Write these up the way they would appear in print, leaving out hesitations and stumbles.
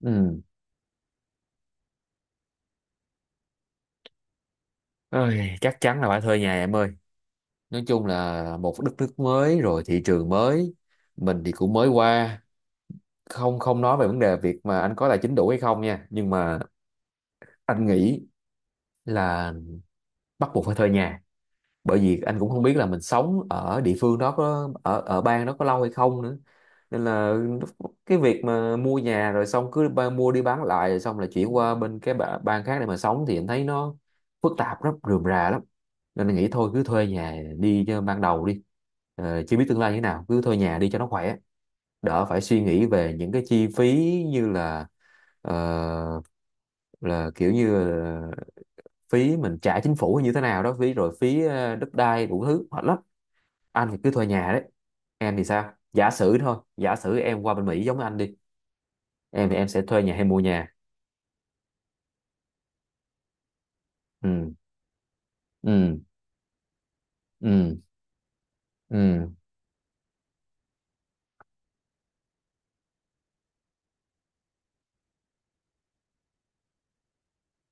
Ừ. Ôi, chắc chắn là phải thuê nhà em ơi. Nói chung là một đất nước mới rồi thị trường mới, mình thì cũng mới qua, không không nói về vấn đề việc mà anh có tài chính đủ hay không nha, nhưng mà anh nghĩ là bắt buộc phải thuê nhà. Bởi vì anh cũng không biết là mình sống ở địa phương đó có ở ở bang đó có lâu hay không nữa, nên là cái việc mà mua nhà rồi xong mua đi bán lại rồi xong là chuyển qua bên bang khác để mà sống thì anh thấy nó phức tạp lắm, rườm rà lắm. Nên anh nghĩ thôi cứ thuê nhà đi cho ban đầu đi. Chưa biết tương lai như thế nào, cứ thuê nhà đi cho nó khỏe, đỡ phải suy nghĩ về những cái chi phí như là, ờ, là kiểu như phí mình trả chính phủ như thế nào đó, phí rồi phí đất đai, đủ thứ hết lắm. Anh thì cứ thuê nhà đấy. Em thì sao? Giả sử thôi, giả sử em qua bên Mỹ giống anh đi, em thì em sẽ thuê nhà hay mua nhà? Ừ. Ừ. Ừ. Ừ.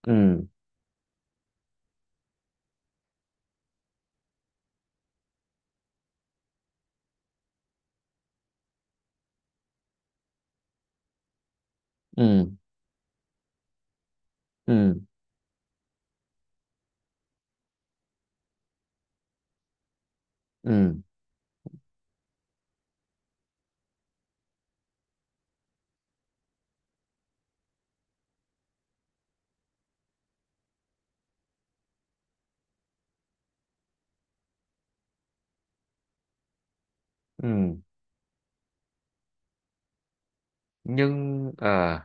Ừ. Ừ. Ừ. Ừ. Ừ. Ừ. nhưng ờ,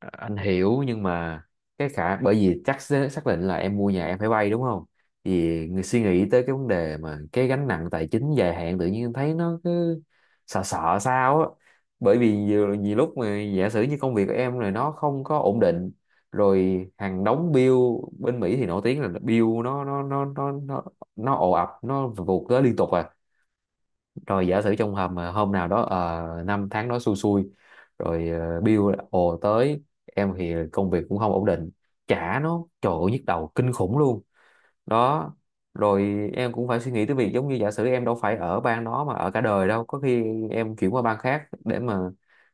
anh hiểu, nhưng mà cái khả, bởi vì chắc sẽ xác định là em mua nhà em phải vay đúng không, thì người suy nghĩ tới cái vấn đề mà cái gánh nặng tài chính dài hạn tự nhiên em thấy nó cứ sợ sợ sao á. Bởi vì nhiều, nhiều lúc mà giả sử như công việc của em này nó không có ổn định, rồi hàng đống bill. Bên Mỹ thì nổi tiếng là bill nó ồ ạt, nó vụt tới liên tục à. Rồi giả sử trong hầm mà hôm nào đó, năm tháng đó xui xui, rồi bill ồ tới, em thì công việc cũng không ổn định, trả nó trời ơi nhức đầu kinh khủng luôn. Đó. Rồi em cũng phải suy nghĩ tới việc giống như giả sử em đâu phải ở bang đó mà ở cả đời đâu, có khi em chuyển qua bang khác để mà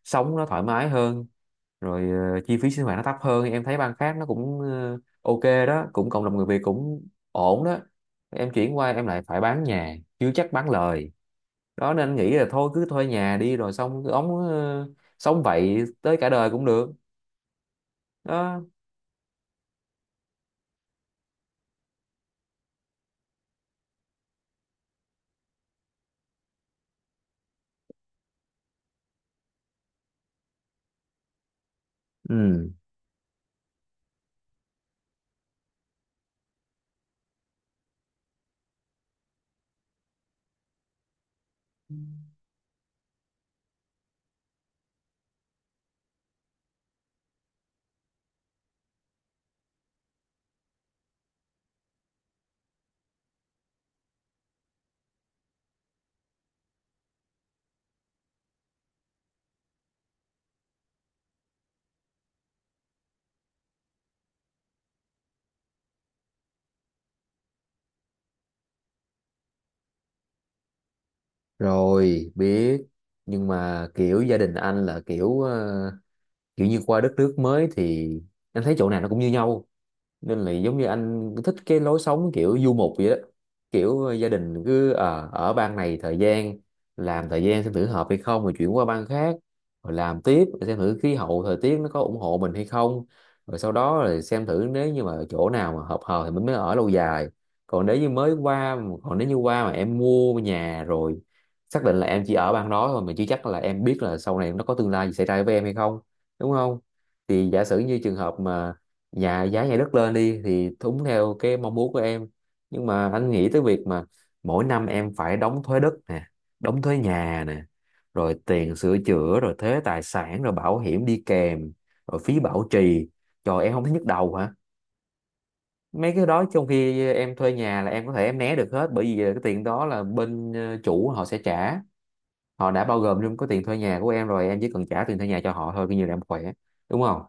sống nó thoải mái hơn, rồi chi phí sinh hoạt nó thấp hơn, em thấy bang khác nó cũng ok đó, cũng cộng đồng người Việt cũng ổn đó. Em chuyển qua em lại phải bán nhà, chưa chắc bán lời. Đó nên anh nghĩ là thôi cứ thuê nhà đi rồi xong cứ sống vậy tới cả đời cũng được. Đó. Ừ. Rồi biết, nhưng mà kiểu gia đình anh là kiểu, kiểu như qua đất nước mới thì anh thấy chỗ nào nó cũng như nhau, nên là giống như anh thích cái lối sống kiểu du mục vậy đó. Kiểu gia đình cứ ở bang này thời gian, làm thời gian xem thử hợp hay không rồi chuyển qua bang khác, rồi làm tiếp, rồi xem thử khí hậu thời tiết nó có ủng hộ mình hay không, rồi sau đó rồi xem thử nếu như mà chỗ nào mà hợp hợp thì mình mới ở lâu dài. còn nếu như mới qua Còn nếu như qua mà em mua nhà rồi, xác định là em chỉ ở bang đó thôi, mình chưa chắc là em biết là sau này nó có tương lai gì xảy ra với em hay không, đúng không? Thì giả sử như trường hợp mà dạ giá nhà đất lên đi thì đúng theo cái mong muốn của em, nhưng mà anh nghĩ tới việc mà mỗi năm em phải đóng thuế đất nè, đóng thuế nhà nè, rồi tiền sửa chữa, rồi thuế tài sản, rồi bảo hiểm đi kèm, rồi phí bảo trì. Trời, em không thấy nhức đầu hả? Mấy cái đó trong khi em thuê nhà là em có thể em né được hết, bởi vì cái tiền đó là bên chủ họ sẽ trả, họ đã bao gồm trong cái tiền thuê nhà của em rồi, em chỉ cần trả tiền thuê nhà cho họ thôi, coi như là em khỏe, đúng không?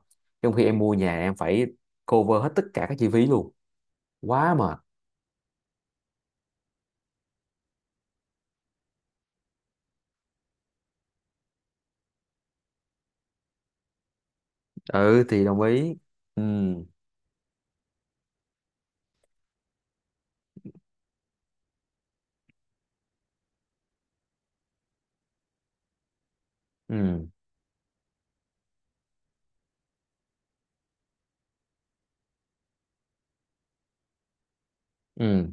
Trong khi em mua nhà em phải cover hết tất cả các chi phí luôn, quá mệt. Ừ thì đồng ý. Ừ. Ừ. Ừ.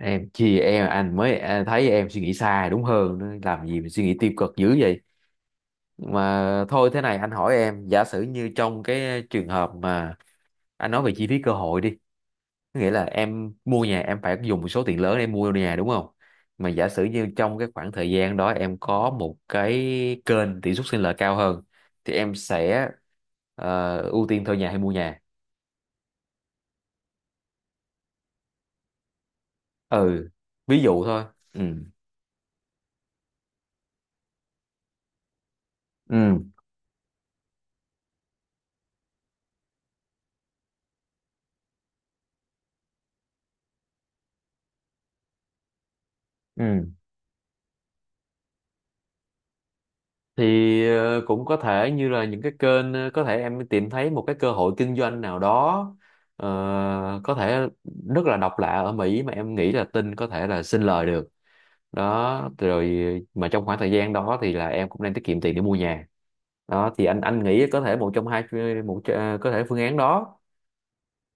Em chia, em anh mới à, thấy em suy nghĩ xa đúng hơn nữa. Làm gì mà suy nghĩ tiêu cực dữ vậy? Mà thôi thế này, anh hỏi em giả sử như trong cái trường hợp mà anh nói về chi phí cơ hội đi, nghĩa là em mua nhà em phải dùng một số tiền lớn để em mua nhà đúng không? Mà giả sử như trong cái khoảng thời gian đó em có một cái kênh tỷ suất sinh lời cao hơn thì em sẽ ưu tiên thuê nhà hay mua nhà? Ừ, ví dụ thôi. Ừ. Ừ. Ừ. Thì cũng có thể như là những cái kênh, có thể em tìm thấy một cái cơ hội kinh doanh nào đó, ờ, có thể rất là độc lạ ở Mỹ mà em nghĩ là tin có thể là sinh lời được. Đó rồi, mà trong khoảng thời gian đó thì là em cũng đang tiết kiệm tiền để mua nhà. Đó thì anh nghĩ có thể một trong hai, có thể phương án đó.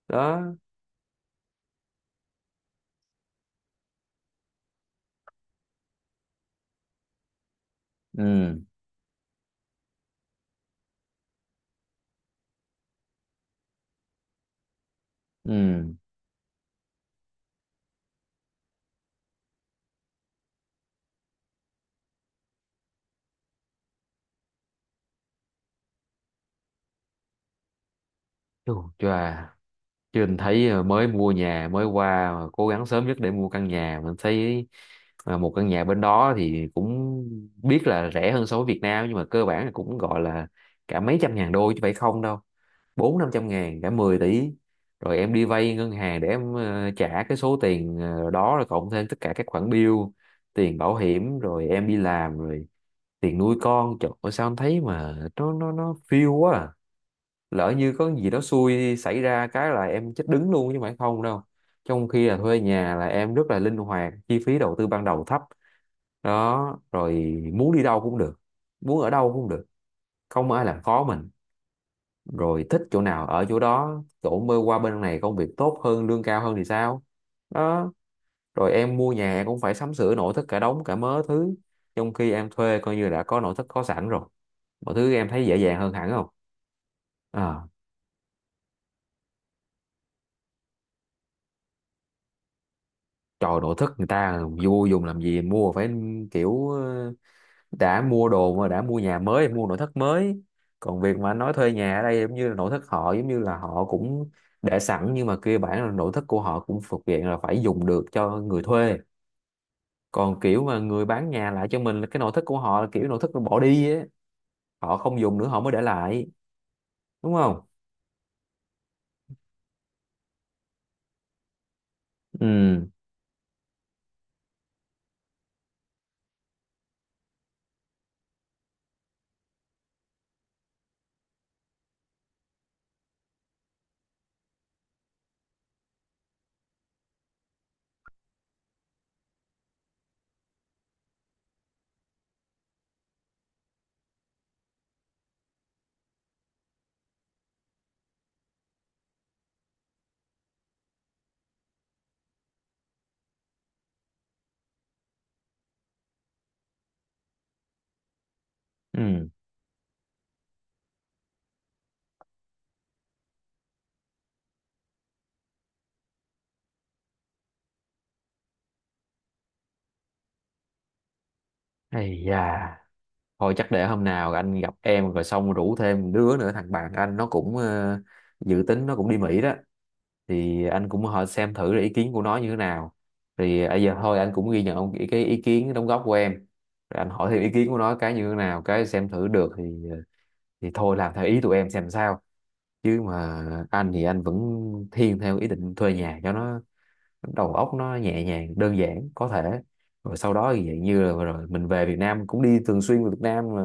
Đó. Ừ. Ừ. Chù, chà. Chứ anh thấy mới mua nhà mới qua mà cố gắng sớm nhất để mua căn nhà, mình thấy một căn nhà bên đó thì cũng biết là rẻ hơn so với Việt Nam, nhưng mà cơ bản là cũng gọi là cả mấy trăm ngàn đô chứ phải không đâu, bốn năm trăm ngàn, cả 10 tỷ. Rồi em đi vay ngân hàng để em trả cái số tiền đó, rồi cộng thêm tất cả các khoản bill, tiền bảo hiểm, rồi em đi làm, rồi tiền nuôi con. Trời ơi, sao em thấy mà nó phiêu quá à. Lỡ như có gì đó xui xảy ra cái là em chết đứng luôn chứ phải không đâu. Trong khi là thuê nhà là em rất là linh hoạt, chi phí đầu tư ban đầu thấp. Đó rồi, muốn đi đâu cũng được, muốn ở đâu cũng được, không ai làm khó mình. Rồi thích chỗ nào ở chỗ đó, chỗ mơ qua bên này công việc tốt hơn lương cao hơn thì sao? Đó. Rồi em mua nhà em cũng phải sắm sửa nội thất cả đống cả mớ thứ, trong khi em thuê coi như đã có nội thất có sẵn rồi, mọi thứ em thấy dễ dàng hơn hẳn không? À, trời, nội thất người ta vô dùng làm gì, mua phải kiểu đã mua đồ mà đã mua nhà mới mua nội thất mới. Còn việc mà anh nói thuê nhà ở đây giống như là nội thất họ giống như là họ cũng để sẵn, nhưng mà kia bản là nội thất của họ cũng thuộc diện là phải dùng được cho người thuê. Còn kiểu mà người bán nhà lại cho mình là cái nội thất của họ là kiểu nội thất nó bỏ đi á, họ không dùng nữa họ mới để lại, đúng không? Ừ. Ừ. Ây da. Thôi chắc để hôm nào anh gặp em rồi xong rủ thêm đứa nữa, thằng bạn anh nó cũng dự tính nó cũng đi Mỹ đó, thì anh cũng hỏi xem thử là ý kiến của nó như thế nào. Thì bây giờ thôi anh cũng ghi nhận cái ý kiến đóng góp của em, rồi anh hỏi thêm ý kiến của nó cái như thế nào cái xem thử được thì ờ, thì thôi làm theo ý tụi em xem sao. Chứ mà anh thì anh vẫn thiên theo ý định thuê nhà cho nó đầu óc nó nhẹ nhàng đơn giản có thể. Rồi sau đó thì dạng như là rồi mình về Việt Nam cũng đi thường xuyên về Việt Nam mà,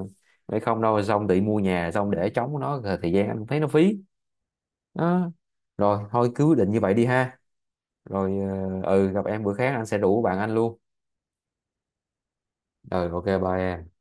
để không đâu xong tự mua nhà xong để trống nó rồi thời gian anh thấy nó phí. Đó. Rồi thôi cứ quyết định như vậy đi ha. Rồi. Ừ, gặp em bữa khác anh sẽ rủ bạn anh luôn. Rồi, ok, bye em.